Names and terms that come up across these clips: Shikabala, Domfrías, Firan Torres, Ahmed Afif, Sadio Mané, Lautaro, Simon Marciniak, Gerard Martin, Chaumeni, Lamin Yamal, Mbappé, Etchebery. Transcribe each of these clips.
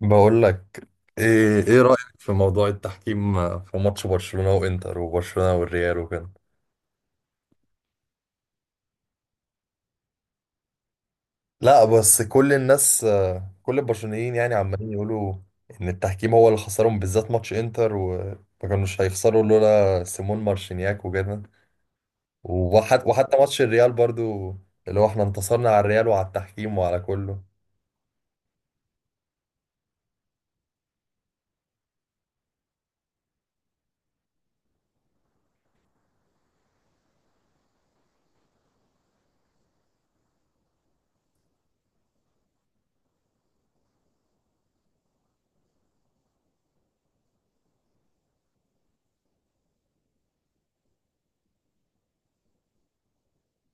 بقول لك، ايه رأيك في موضوع التحكيم في ماتش برشلونة وانتر وبرشلونة والريال وكده. لا، بس كل الناس كل البرشلونيين يعني عمالين يقولوا ان التحكيم هو اللي خسرهم، بالذات ماتش انتر، وما كانوش هيخسروا لولا سيمون مارشينياك وكده. وحتى ماتش الريال برضو، اللي هو احنا انتصرنا على الريال وعلى التحكيم وعلى كله.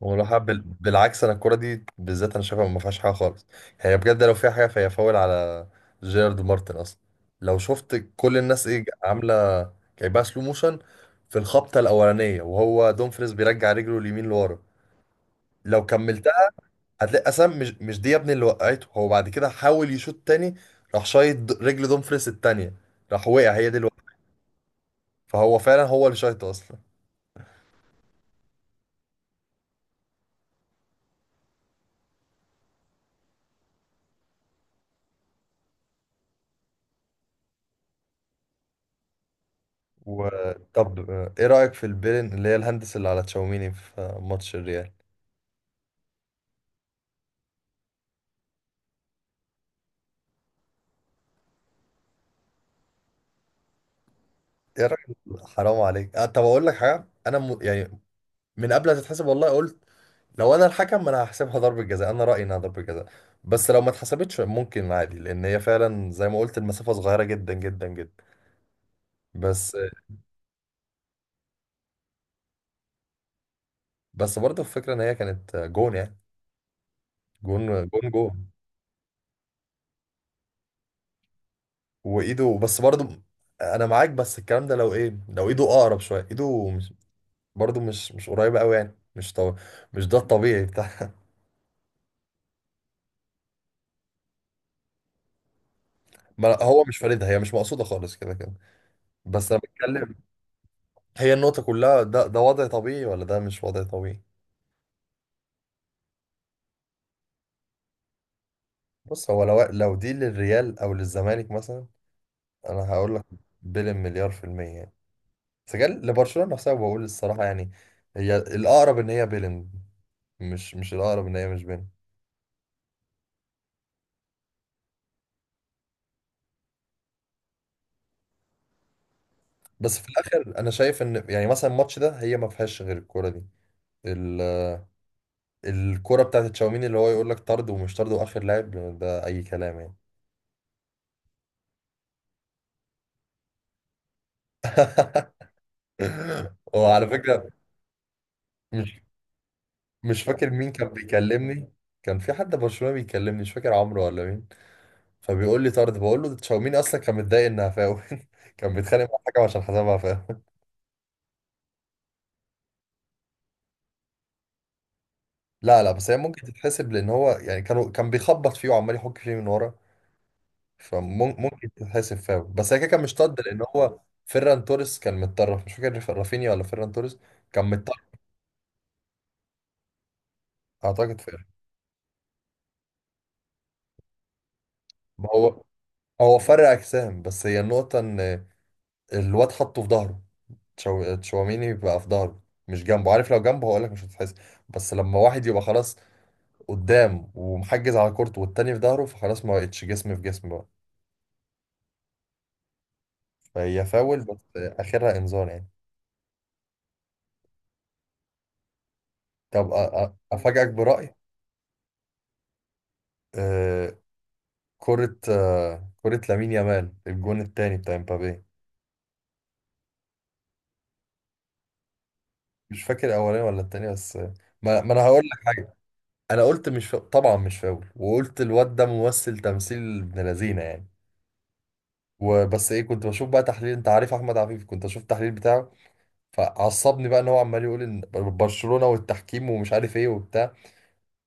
ولا حب، بالعكس، انا الكرة دي بالذات انا شايفها ما فيهاش حاجة خالص. يعني بجد لو فيها حاجة فهي فاول على جيرارد مارتن اصلا. لو شفت كل الناس ايه عاملة، جايبها سلو موشن في الخبطة الأولانية وهو دومفريز بيرجع رجله اليمين لورا. لو كملتها هتلاقي أسام مش دي يا ابني اللي وقعته، هو بعد كده حاول يشوط تاني، راح شايط رجل دومفريز التانية، راح وقع، هي دي اللي وقعته. فهو فعلا هو اللي شايطه أصلا. وطب ايه رأيك في البيرن اللي هي الهندس اللي على تشاوميني في ماتش الريال؟ يا راجل، حرام عليك. طب اقول لك حاجه، انا يعني من قبل ما تتحسب والله قلت لو انا الحكم انا هحسبها ضربه جزاء. انا رايي انها ضربه جزاء، بس لو ما اتحسبتش ممكن عادي، لان هي فعلا زي ما قلت المسافه صغيره جدا جدا جدا. بس. بس برضه الفكره ان هي كانت جون، يعني جون جون جون. وايده بس برضه، انا معاك، بس الكلام ده لو ايه، لو ايده اقرب شويه، ايده مش برضه مش قريبه قوي، يعني مش ده الطبيعي بتاع. هو مش فاردها، هي مش مقصوده خالص كده كده. بس انا بتكلم، هي النقطة كلها، ده وضع طبيعي ولا ده مش وضع طبيعي. بص، هو لو دي للريال أو للزمالك مثلا أنا هقول لك بيلين مليار في المية يعني. بس جال لبرشلونة نفسها بقول الصراحة يعني هي الأقرب إن هي بيلين، مش الأقرب إن هي مش بيلين. بس في الآخر أنا شايف إن يعني مثلا الماتش ده هي ما فيهاش غير الكورة دي، ال- الكورة بتاعت تشاوميني اللي هو يقول لك طرد ومش طرد وآخر لاعب، ده أي كلام يعني. وعلى فكرة، مش مش فاكر مين كان بيكلمني، كان في حد برشلونة بيكلمني مش فاكر عمرو ولا مين، فبيقول لي طرد، بقول له ده تشاوميني اصلا كان متضايق انها فاول، كان بيتخانق مع الحكم عشان حسبها فاول. لا لا، بس هي ممكن تتحسب، لان هو يعني كان بيخبط فيه وعمال يحك فيه من ورا، فممكن تتحسب فاول، بس هي كده كان مش طرد، لان هو فيران توريس كان متطرف، مش فاكر رافينيا ولا فيران توريس، كان متطرف، اعتقد فيران. ما هو، هو فرق اجسام، بس هي النقطة ان الواد حطه في ظهره، تشواميني يبقى في ظهره مش جنبه، عارف، لو جنبه هقول لك مش هتحس، بس لما واحد يبقى خلاص قدام ومحجز على كورته والتاني في ظهره، فخلاص ما بقتش جسم في جسم بقى. فهي فاول بس اخرها انذار يعني. طب افاجئك برأي. آه، كرة كرة لامين يامال، الجون التاني بتاع امبابي، مش فاكر الاولاني ولا التاني بس آه، ما انا هقول لك حاجه، انا قلت مش فا... طبعا مش فاول، وقلت الواد ده ممثل تمثيل ابن لذينه يعني. وبس ايه، كنت بشوف بقى تحليل، انت عارف احمد عفيف، كنت اشوف التحليل بتاعه، فعصبني بقى ان هو عمال يقول ان برشلونة والتحكيم ومش عارف ايه وبتاع،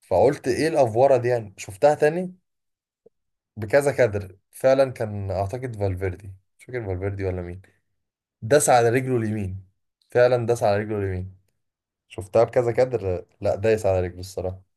فقلت ايه الافوره دي يعني. شفتها تاني بكذا كادر، فعلا كان اعتقد فالفيردي، مش فاكر فالفيردي ولا مين، داس على رجله اليمين، فعلا داس على رجله اليمين. شفتها بكذا كادر، لا دايس على رجله الصراحة.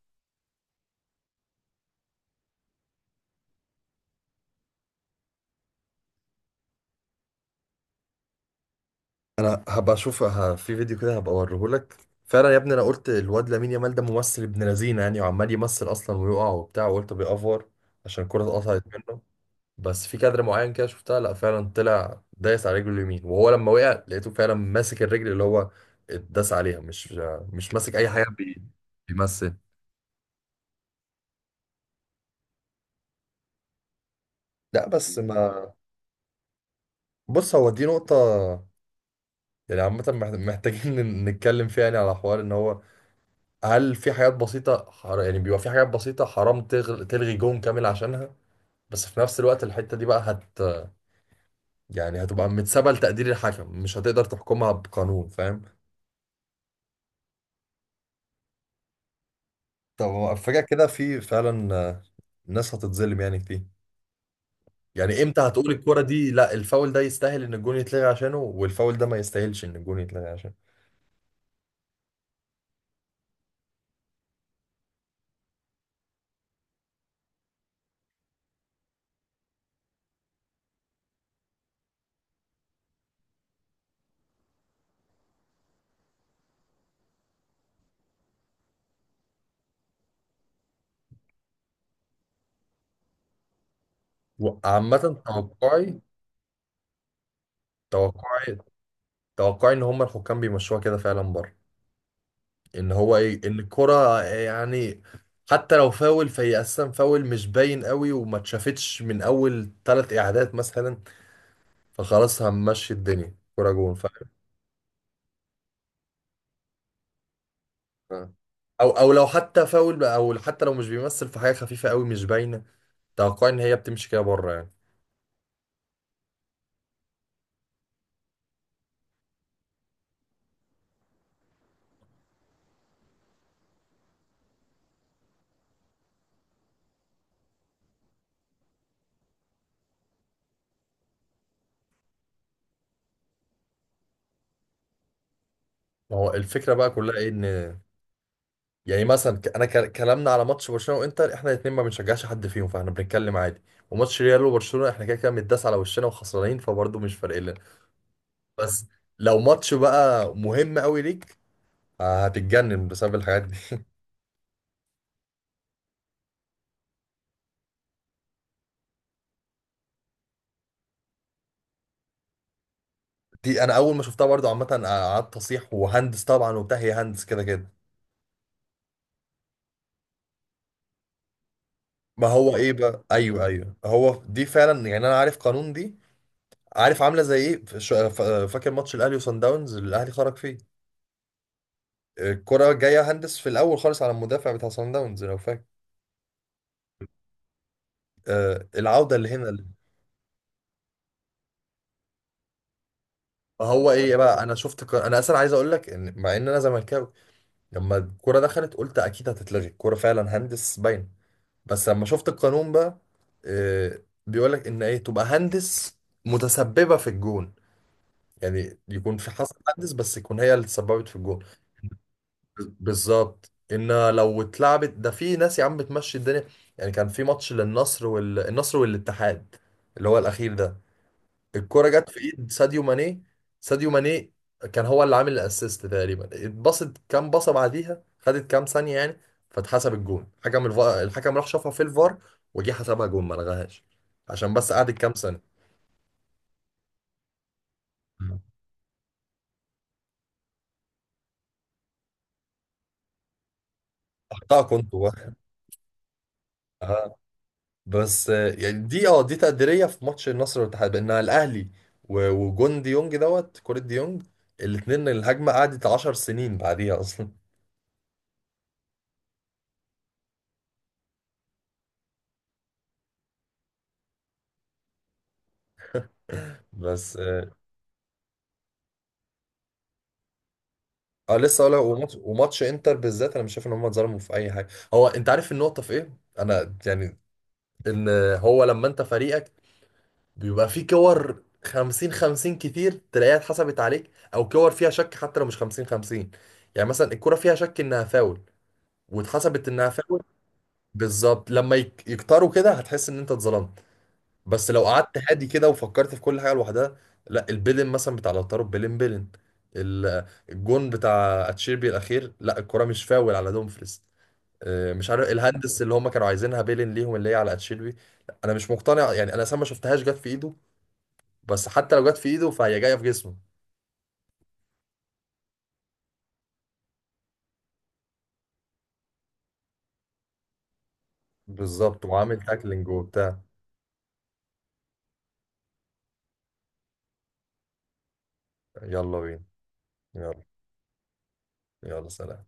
انا هبقى اشوف في فيديو كده هبقى اوريهولك. فعلا يا ابني، انا قلت الواد لامين يامال ده ممثل ابن لذينه يعني، وعمال يمثل اصلا ويقع وبتاع، وقلت بيأفور عشان الكرة اتقطعت منه، بس في كادر معين كده شفتها لا فعلا طلع دايس على رجله اليمين، وهو لما وقع لقيته فعلا ماسك الرجل اللي هو اتداس عليها، مش مش ماسك اي حاجه، بيمثل. لا بس ما، بص، هو دي نقطه يعني عامه، محتاجين نتكلم فيها يعني، على حوار ان هو هل في حاجات بسيطة يعني بيبقى في حاجات بسيطة حرام تلغي جون كامل عشانها، بس في نفس الوقت الحتة دي بقى هت، يعني هتبقى متسابة لتقدير الحكم، مش هتقدر تحكمها بقانون، فاهم؟ طب هو فجأة كده في فعلا ناس هتتظلم يعني كتير. يعني امتى هتقول الكرة دي لا الفاول ده يستاهل ان الجون يتلغي عشانه والفاول ده ما يستاهلش ان الجون يتلغي عشانه. وعامة توقعي، توقعي، توقعي ان هم الحكام بيمشوها كده فعلا بره، ان هو ايه، ان الكرة يعني حتى لو فاول فهي اساسا فاول مش باين قوي، وما اتشافتش من اول ثلاث اعادات مثلا، فخلاص هنمشي الدنيا كرة جون، فاهم؟ آه. او او لو حتى او حتى لو مش بيمثل في حاجة خفيفة قوي مش باينة، توقع ان هي بتمشي كده بره يعني. ما هو الفكرة بقى كلها ايه، ان يعني مثلا انا كلامنا على ماتش برشلونة وانتر احنا الاثنين ما بنشجعش حد فيهم، فاحنا بنتكلم عادي. وماتش ريال وبرشلونة احنا كده كده متداس على وشنا وخسرانين، فبرضه مش فارق لنا. بس لو ماتش بقى مهم قوي ليك، هتتجنن بسبب الحاجات دي. دي انا اول ما شفتها برضو عامه قعدت اصيح، وهندس طبعا وبتاع، هي هندس كده كده. ما هو ايه بقى، ايوه ايوه، هو دي فعلا يعني انا عارف قانون دي، عارف عامله زي ايه، فاكر ماتش الاهلي وصن داونز اللي الاهلي خرج فيه؟ الكره جايه هندس في الاول خالص على المدافع بتاع صن داونز، لو فاكر، العوده اللي هنا اللي هو ايه بقى. انا شفت انا اصلا عايز اقول لك ان مع ان انا زملكاوي، لما الكرة دخلت قلت أكيد هتتلغي الكرة فعلا هندس باين. بس لما شفت القانون بقى آه، بيقولك إن إيه تبقى هندس متسببة في الجون، يعني يكون في حصل هندس بس يكون هي اللي تسببت في الجون. بالظبط، إن لو اتلعبت ده في ناس يا عم بتمشي الدنيا. يعني كان في ماتش للنصر، والنصر والاتحاد اللي هو الأخير ده، الكرة جت في ايد ساديو ماني، ساديو ماني كان هو اللي عامل الاسيست تقريبا، اتبصت كام بصة بعديها، خدت كام ثانية يعني، فاتحسب الجون. حكم الحكم راح شافها في الفار، وجه حسبها جون، ما لغاهاش عشان بس قعدت كام ثانية. حقها كنت واخد. اه بس يعني دي اه دي تقديرية. في ماتش النصر والاتحاد بانها الاهلي، وجون ديونج دوت كرة ديونج الاتنين، الهجمة قعدت 10 سنين بعديها اصلا. بس آه، اه لسه اقول لك، وماتش انتر بالذات انا مش شايف ان هم اتظلموا في اي حاجه. هو انت عارف النقطه في ايه، انا يعني، ان هو لما انت فريقك بيبقى فيه كور 50-50 كتير، تلاقيها اتحسبت عليك، او كور فيها شك حتى لو مش 50-50، يعني مثلا الكره فيها شك انها فاول واتحسبت انها فاول. بالظبط، يكتروا كده هتحس ان انت اتظلمت. بس لو قعدت هادي كده وفكرت في كل حاجه لوحدها، لا، البيلين مثلا بتاع لوتارو، بيلين بيلين، الجون بتاع اتشيربي الاخير، لا الكره مش فاول على دومفريز، مش عارف الهندس اللي هم كانوا عايزينها بيلين ليهم اللي هي على اتشيربي. لا، انا مش مقتنع يعني، انا اصلا ما شفتهاش جت في ايده، بس حتى لو جت في ايده فهي جايه في جسمه. بالظبط وعامل تاكلينج وبتاع. يلا بينا، يلا. يلا سلام.